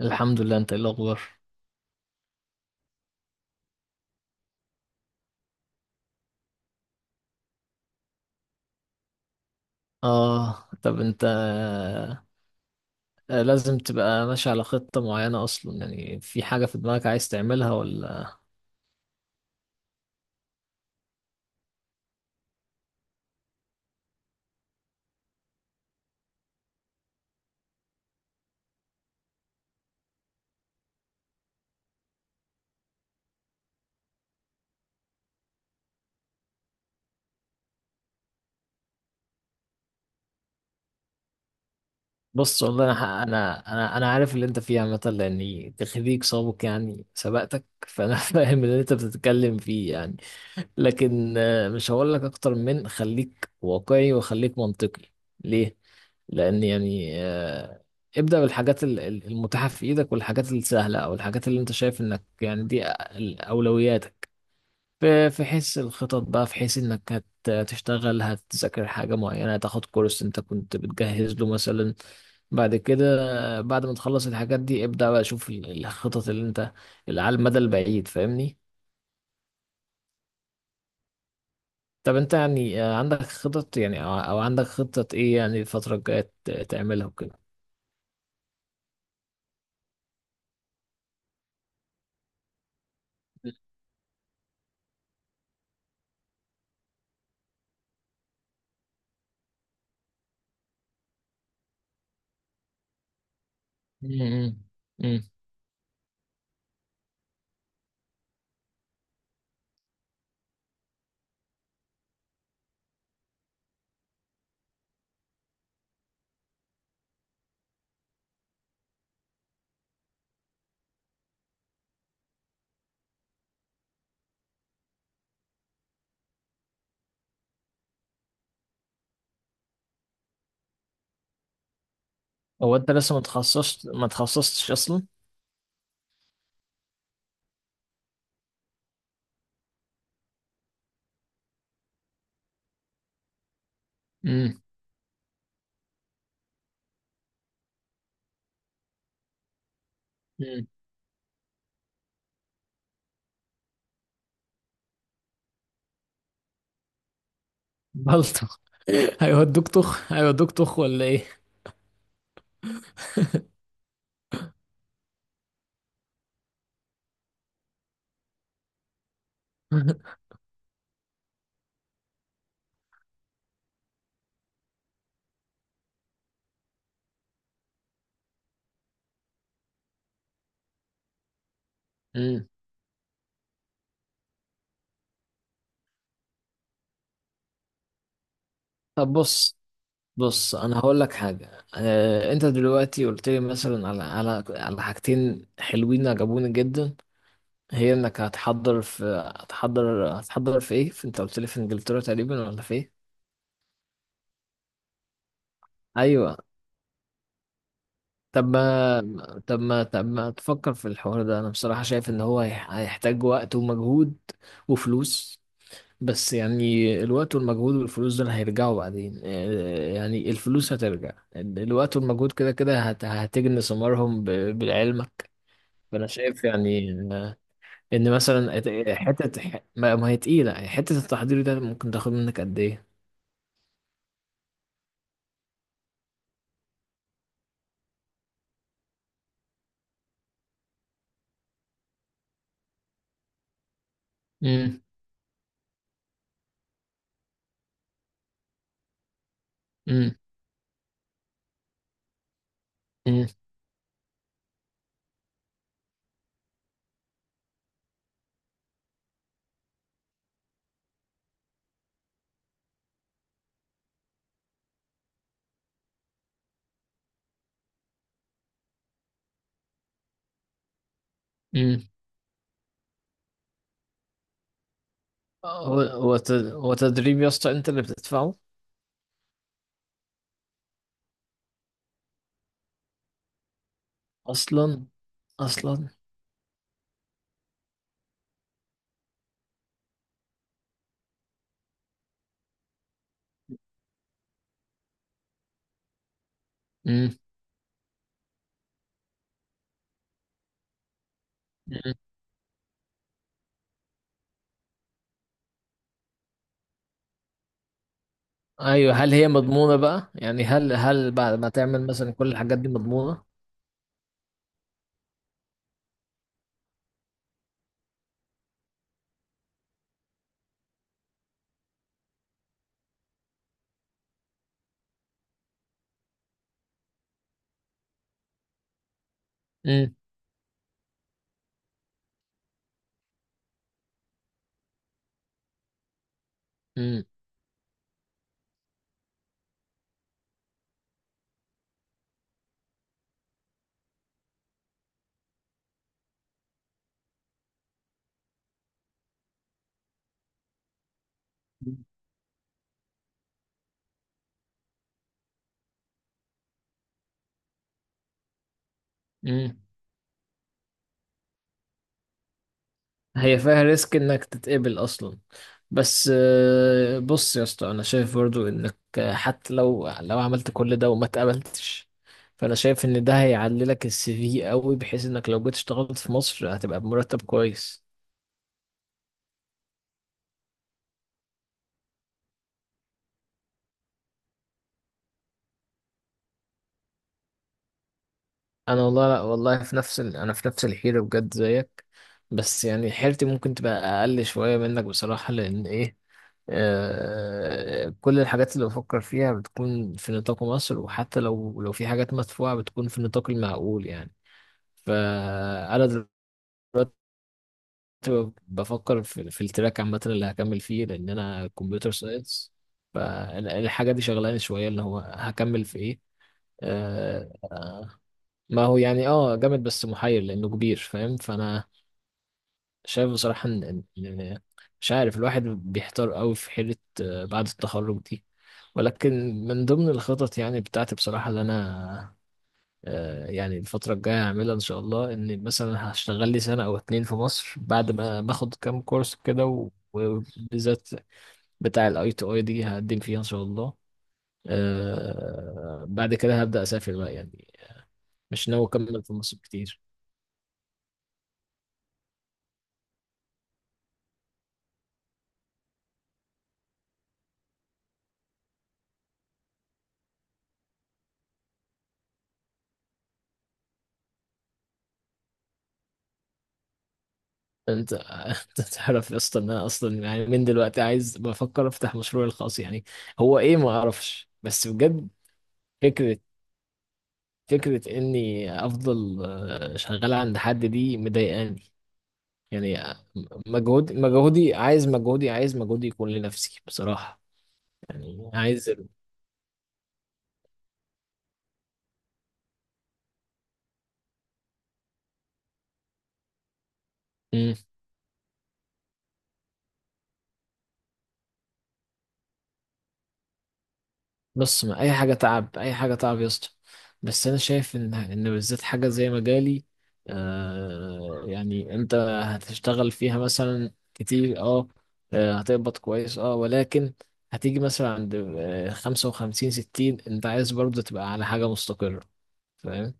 الحمد لله. انت ايه الاخبار؟ اه، طب انت، لازم تبقى ماشي على خطة معينة اصلا. يعني في حاجة في دماغك عايز تعملها ولا؟ بص والله انا ح- انا انا انا عارف اللي انت فيه عامة، لاني تخريج سابق يعني سبقتك، فانا فاهم اللي انت بتتكلم فيه يعني. لكن مش هقول لك اكتر من خليك واقعي وخليك منطقي. ليه؟ لان يعني ابدأ بالحاجات المتاحة في ايدك، والحاجات السهلة، او الحاجات اللي انت شايف انك يعني دي اولوياتك. في حيث الخطط بقى، في حيث انك هتشتغل، هتذاكر حاجة معينة، هتاخد كورس انت كنت بتجهز له مثلا. بعد كده، بعد ما تخلص الحاجات دي ابدأ بقى شوف الخطط اللي انت، اللي على المدى البعيد، فاهمني؟ طب انت يعني عندك خطط يعني، او عندك خطة ايه يعني الفترة الجاية تعملها وكده؟ مم. مم. هو انت لسه ما تخصصتش اصلا؟ امم. امم. بلطو؟ هيودوك طخ هيودوك طخ ولا ايه؟ امم. طب بص، بص انا هقول لك حاجه، انت دلوقتي قلت لي مثلا على على حاجتين حلوين عجبوني جدا. هي انك هتحضر في، هتحضر، هتحضر في ايه، في، انت قلت لي في انجلترا تقريبا ولا في ايه؟ ايوه. طب ما، طب ما تفكر في الحوار ده؟ انا بصراحه شايف ان هو هيحتاج وقت ومجهود وفلوس، بس يعني الوقت والمجهود والفلوس دول هيرجعوا بعدين. يعني الفلوس هترجع، الوقت والمجهود كده كده هتجني ثمارهم بعلمك. فأنا شايف يعني إن مثلا حتة، ما هي تقيلة يعني، حتة التحضير ده ممكن تاخد منك قد إيه؟ مم، مم، مم، مم. هو هو، هو تدريب يا اسطى أنت اللي بتدفعه؟ أصلا، أصلا. مم، مم. أيوه، هل هي مضمونة بقى؟ يعني هل، هل بعد ما تعمل مثلا كل الحاجات دي مضمونة؟ مم. مم. هي فيها ريسك انك تتقبل اصلا؟ بس بص يا اسطى، انا شايف برضو انك حتى لو عملت كل ده وما اتقبلتش، فانا شايف ان ده هيعلي لك السي في قوي، بحيث انك لو جيت اشتغلت في مصر هتبقى بمرتب كويس. انا والله، لا والله، في نفس ال... انا في نفس الحيره بجد زيك. بس يعني حيرتي ممكن تبقى اقل شويه منك بصراحه، لان ايه، آه... كل الحاجات اللي بفكر فيها بتكون في نطاق مصر، وحتى لو في حاجات مدفوعه بتكون في النطاق المعقول يعني. فانا دلوقتي بفكر في التراك عامه اللي هكمل فيه، لان انا كمبيوتر ساينس. فالحاجه دي شغلاني شويه، اللي هو هكمل في ايه. آه... ما هو يعني اه جامد، بس محير لانه كبير، فاهم؟ فانا شايف بصراحه ان مش عارف، الواحد بيحتار قوي في حيره بعد التخرج دي. ولكن من ضمن الخطط يعني بتاعتي بصراحه اللي انا يعني الفتره الجايه هعملها ان شاء الله، ان مثلا هشتغل لي سنه او اتنين في مصر بعد ما باخد كام كورس كده، وبالذات بتاع الاي تو اي دي هقدم فيها ان شاء الله. بعد كده هبدا اسافر بقى يعني، مش ناوي اكمل في مصر كتير. انت تعرف يا اسطى ان انا اصلا يعني من دلوقتي عايز، بفكر افتح مشروعي الخاص يعني. هو ايه ما اعرفش بس بجد فكره، فكره اني افضل شغال عند حد دي مضايقاني يعني. مجهود، مجهودي يكون لنفسي بصراحه، يعني عايز. بص، ما اي حاجه تعب، اي حاجه تعب يا اسطى، بس انا شايف ان بالذات حاجه زي مجالي، آه يعني انت هتشتغل فيها مثلا كتير اه، هتقبض كويس اه، ولكن هتيجي مثلا عند خمسة وخمسين، ستين، انت عايز برضه تبقى على حاجة مستقرة، فاهم؟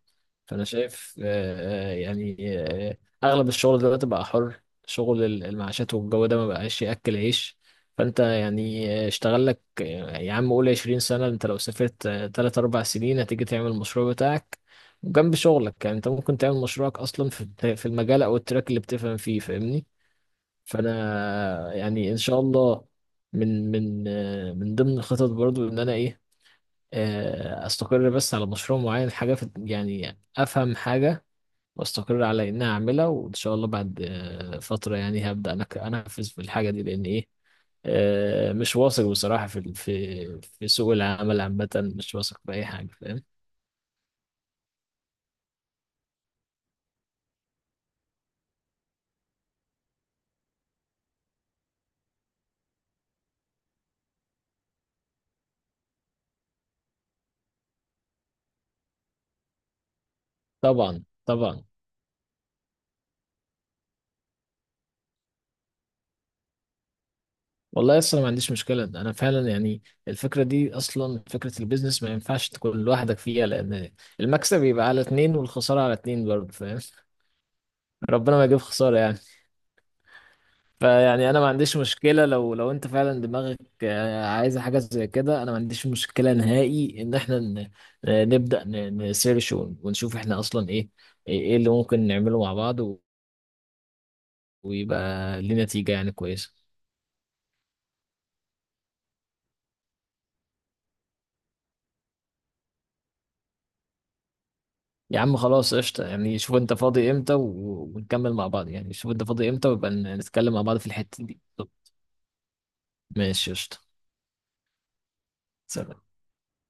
فانا شايف يعني آه، اغلب الشغل دلوقتي بقى حر، شغل المعاشات والجو ده ما بقاش ياكل عيش. فانت يعني اشتغل لك، يا عم قول 20 سنه. انت لو سافرت 3 4 سنين هتيجي تعمل المشروع بتاعك جنب شغلك، يعني انت ممكن تعمل مشروعك اصلا في في المجال او التراك اللي بتفهم فيه، فاهمني؟ فانا يعني ان شاء الله، من من من ضمن الخطط برضو ان انا ايه، استقر بس على مشروع معين، حاجه في يعني افهم حاجه، واستقر على اني اعملها، وان شاء الله بعد فتره يعني هبدا انا انفذ في الحاجه دي، لان ايه، مش واثق بصراحه في ال-، في في سوق العمل عامه، مش واثق في اي حاجه، فاهم؟ طبعا طبعا. والله اصلا ما عنديش مشكله انا فعلا يعني. الفكره دي اصلا، فكره البيزنس ما ينفعش تكون لوحدك فيها، لان المكسب يبقى على اتنين والخساره على اتنين برضه، فاهم؟ ربنا ما يجيب خساره يعني. فيعني انا ما عنديش مشكله، لو انت فعلا دماغك عايزه حاجه زي كده، انا ما عنديش مشكله نهائي ان احنا نبدا نسيرش ونشوف احنا اصلا ايه، ايه إيه اللي ممكن نعمله مع بعض ويبقى ليه نتيجه يعني كويسه. يا عم خلاص قشطه، يعني شوف انت فاضي امتى ونكمل مع بعض، يعني شوف انت فاضي امتى ويبقى نتكلم مع بعض في الحته دي. طب ماشي قشطه. سلام.